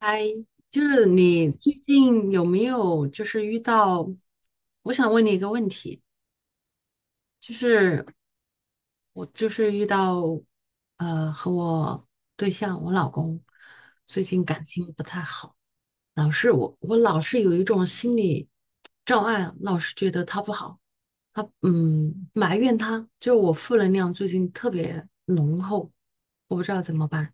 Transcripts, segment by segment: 嗨，就是你最近有没有就是遇到？我想问你一个问题，就是我就是遇到和我对象，我老公最近感情不太好，老是我老是有一种心理障碍，老是觉得他不好，他埋怨他，就我负能量最近特别浓厚，我不知道怎么办。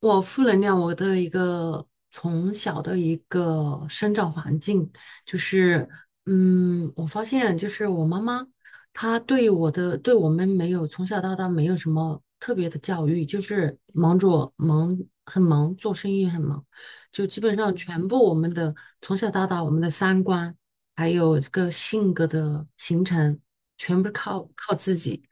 我负能量，我的一个从小的一个生长环境，就是，我发现就是我妈妈，她对我的，对我们没有从小到大没有什么特别的教育，就是忙着忙，很忙，做生意很忙，就基本上全部我们的从小到大我们的三观，还有这个性格的形成，全部靠自己，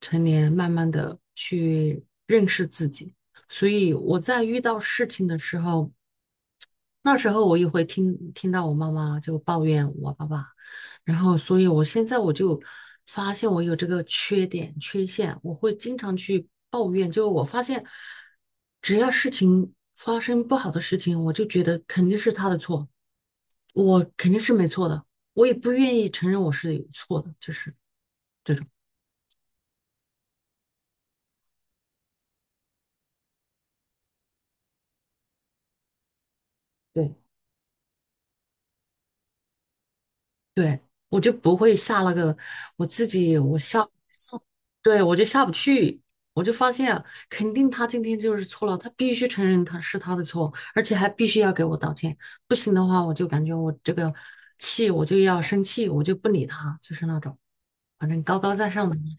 成年慢慢的去认识自己。所以我在遇到事情的时候，那时候我也会听到我妈妈就抱怨我爸爸，然后所以我现在我就发现我有这个缺点缺陷，我会经常去抱怨。就我发现，只要事情发生不好的事情，我就觉得肯定是他的错，我肯定是没错的，我也不愿意承认我是有错的，就是这种。对。对，我就不会下那个，我自己我下，对，我就下不去，我就发现肯定他今天就是错了，他必须承认他是他的错，而且还必须要给我道歉，不行的话我就感觉我这个气我就要生气，我就不理他，就是那种反正高高在上的那种，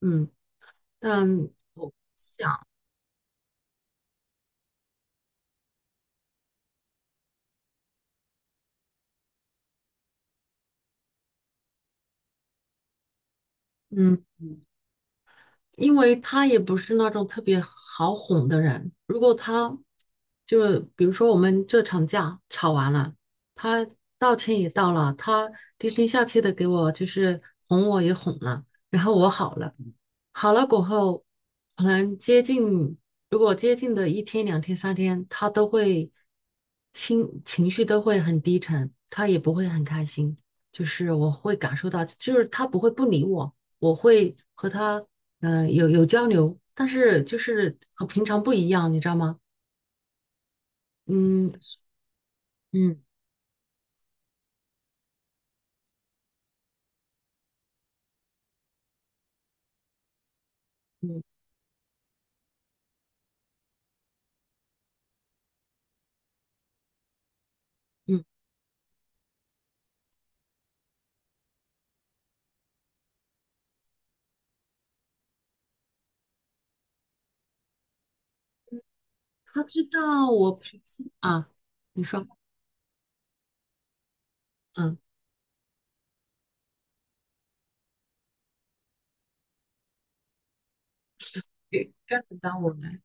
嗯，但我嗯因为他也不是那种特别好哄的人。如果他就比如说我们这场架吵完了，他道歉也道了，他低声下气的给我就是哄我也哄了，然后我好了，好了过后，可能接近如果接近的1天、2天、3天，他都会心情绪都会很低沉，他也不会很开心，就是我会感受到，就是他不会不理我。我会和他有交流，但是就是和平常不一样，你知道吗？嗯嗯。嗯嗯。他知道我脾气啊。你说。嗯，对该怎么当我来？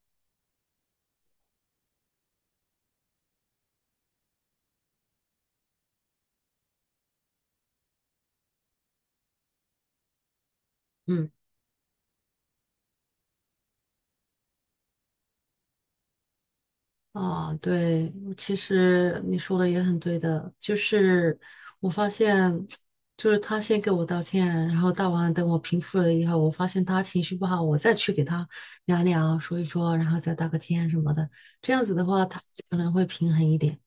嗯。啊，对，其实你说的也很对的，就是我发现，就是他先给我道歉，然后道完了等我平复了以后，我发现他情绪不好，我再去给他聊聊，说一说，然后再道个歉什么的，这样子的话，他可能会平衡一点。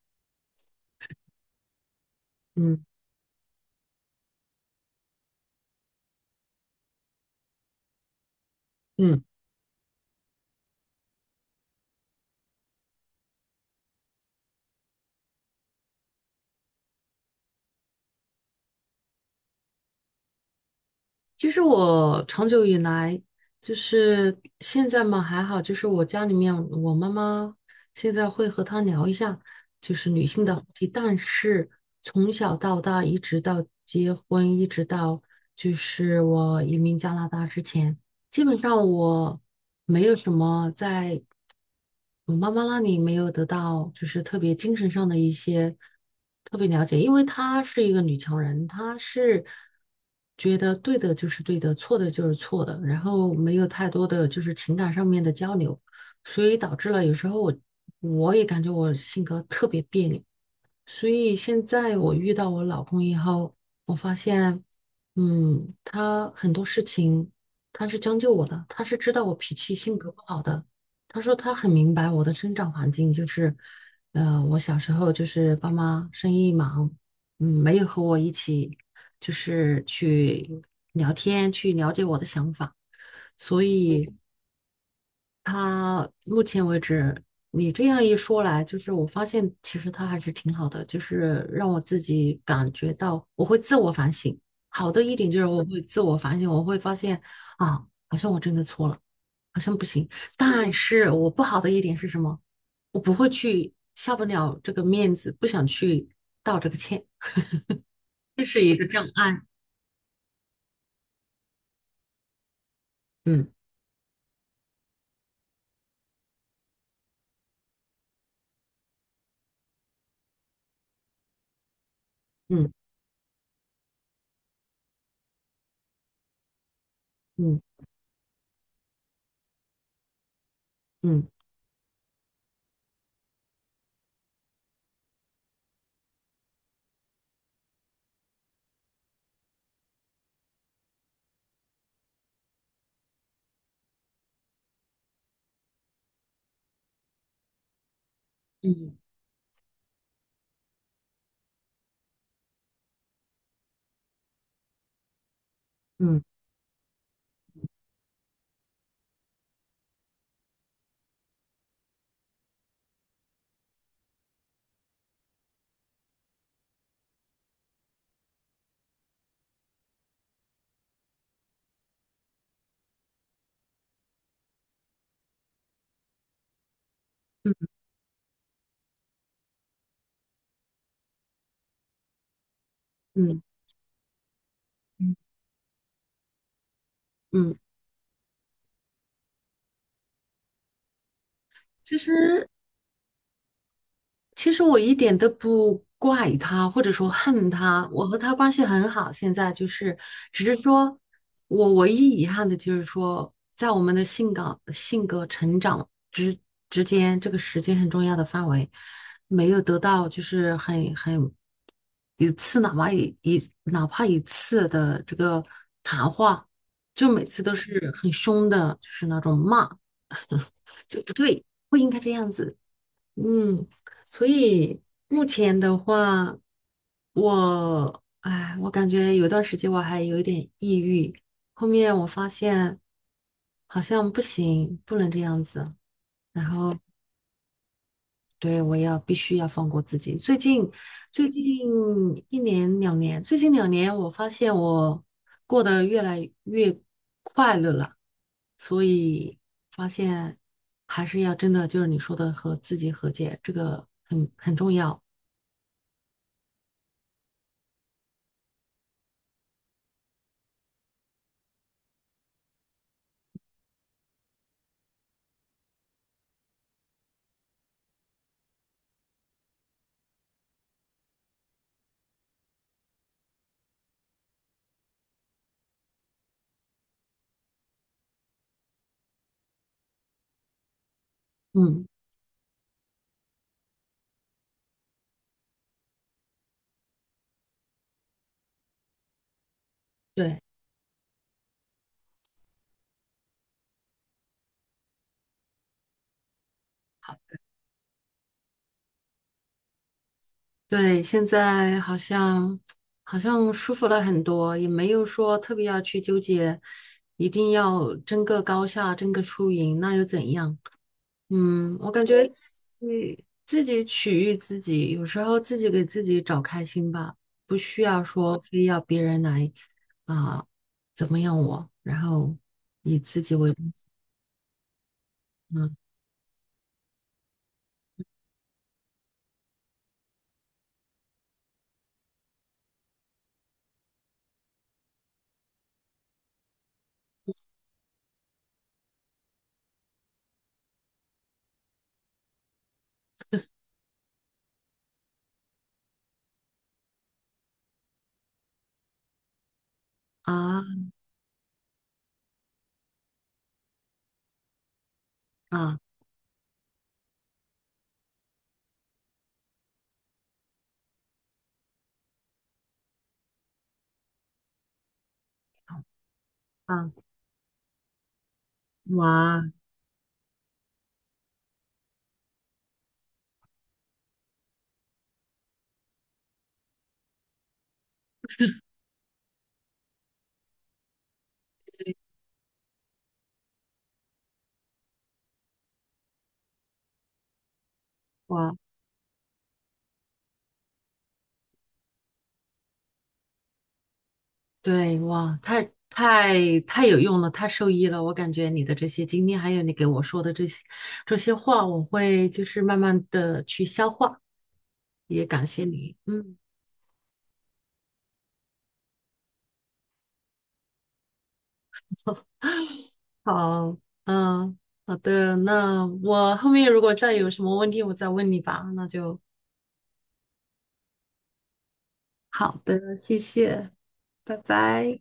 嗯嗯。其实我长久以来就是现在嘛还好，就是我家里面我妈妈现在会和她聊一下，就是女性的话题。但是从小到大，一直到结婚，一直到就是我移民加拿大之前，基本上我没有什么在。我妈妈那里没有得到就是特别精神上的一些特别了解，因为她是一个女强人，她是觉得对的就是对的，错的就是错的，然后没有太多的就是情感上面的交流，所以导致了有时候我也感觉我性格特别别扭。所以现在我遇到我老公以后，我发现，嗯，他很多事情他是将就我的，他是知道我脾气性格不好的。他说他很明白我的生长环境，就是，我小时候就是爸妈生意忙，嗯，没有和我一起就是去聊天，去了解我的想法，所以，他目前为止，你这样一说来，就是我发现其实他还是挺好的，就是让我自己感觉到我会自我反省。好的一点就是我会自我反省，我会发现啊，好像我真的错了，好像不行。但是我不好的一点是什么？我不会去下不了这个面子，不想去道这个歉，这是一个障碍。嗯嗯嗯嗯嗯嗯嗯嗯嗯。其实。其实我一点都不怪他，或者说恨他，我和他关系很好。现在就是，只是说我唯一遗憾的就是说，在我们的性格、性格成长之间，这个时间很重要的范围，没有得到就是很一次，哪怕一次的这个谈话，就每次都是很凶的，就是那种骂，就不对，不应该这样子。嗯，所以目前的话，我，哎，我感觉有段时间我还有一点抑郁，后面我发现好像不行，不能这样子，然后对，我要必须要放过自己。最近最近一年两年，最近两年我发现我过得越来越快乐了，所以发现还是要真的就是你说的和自己和解，这个很重要。嗯，对，好，对，现在好像舒服了很多，也没有说特别要去纠结，一定要争个高下，争个输赢，那又怎样？嗯，我感觉对自己取悦自己，有时候自己给自己找开心吧，不需要说非要别人来啊、怎么样我，然后以自己为中心。嗯。啊啊啊！哇。哇，对哇，太有用了，太受益了。我感觉你的这些经历，还有你给我说的这些话，我会就是慢慢的去消化。也感谢你，嗯。好，嗯，好的，那我后面如果再有什么问题，我再问你吧。那就好的，谢谢，拜拜。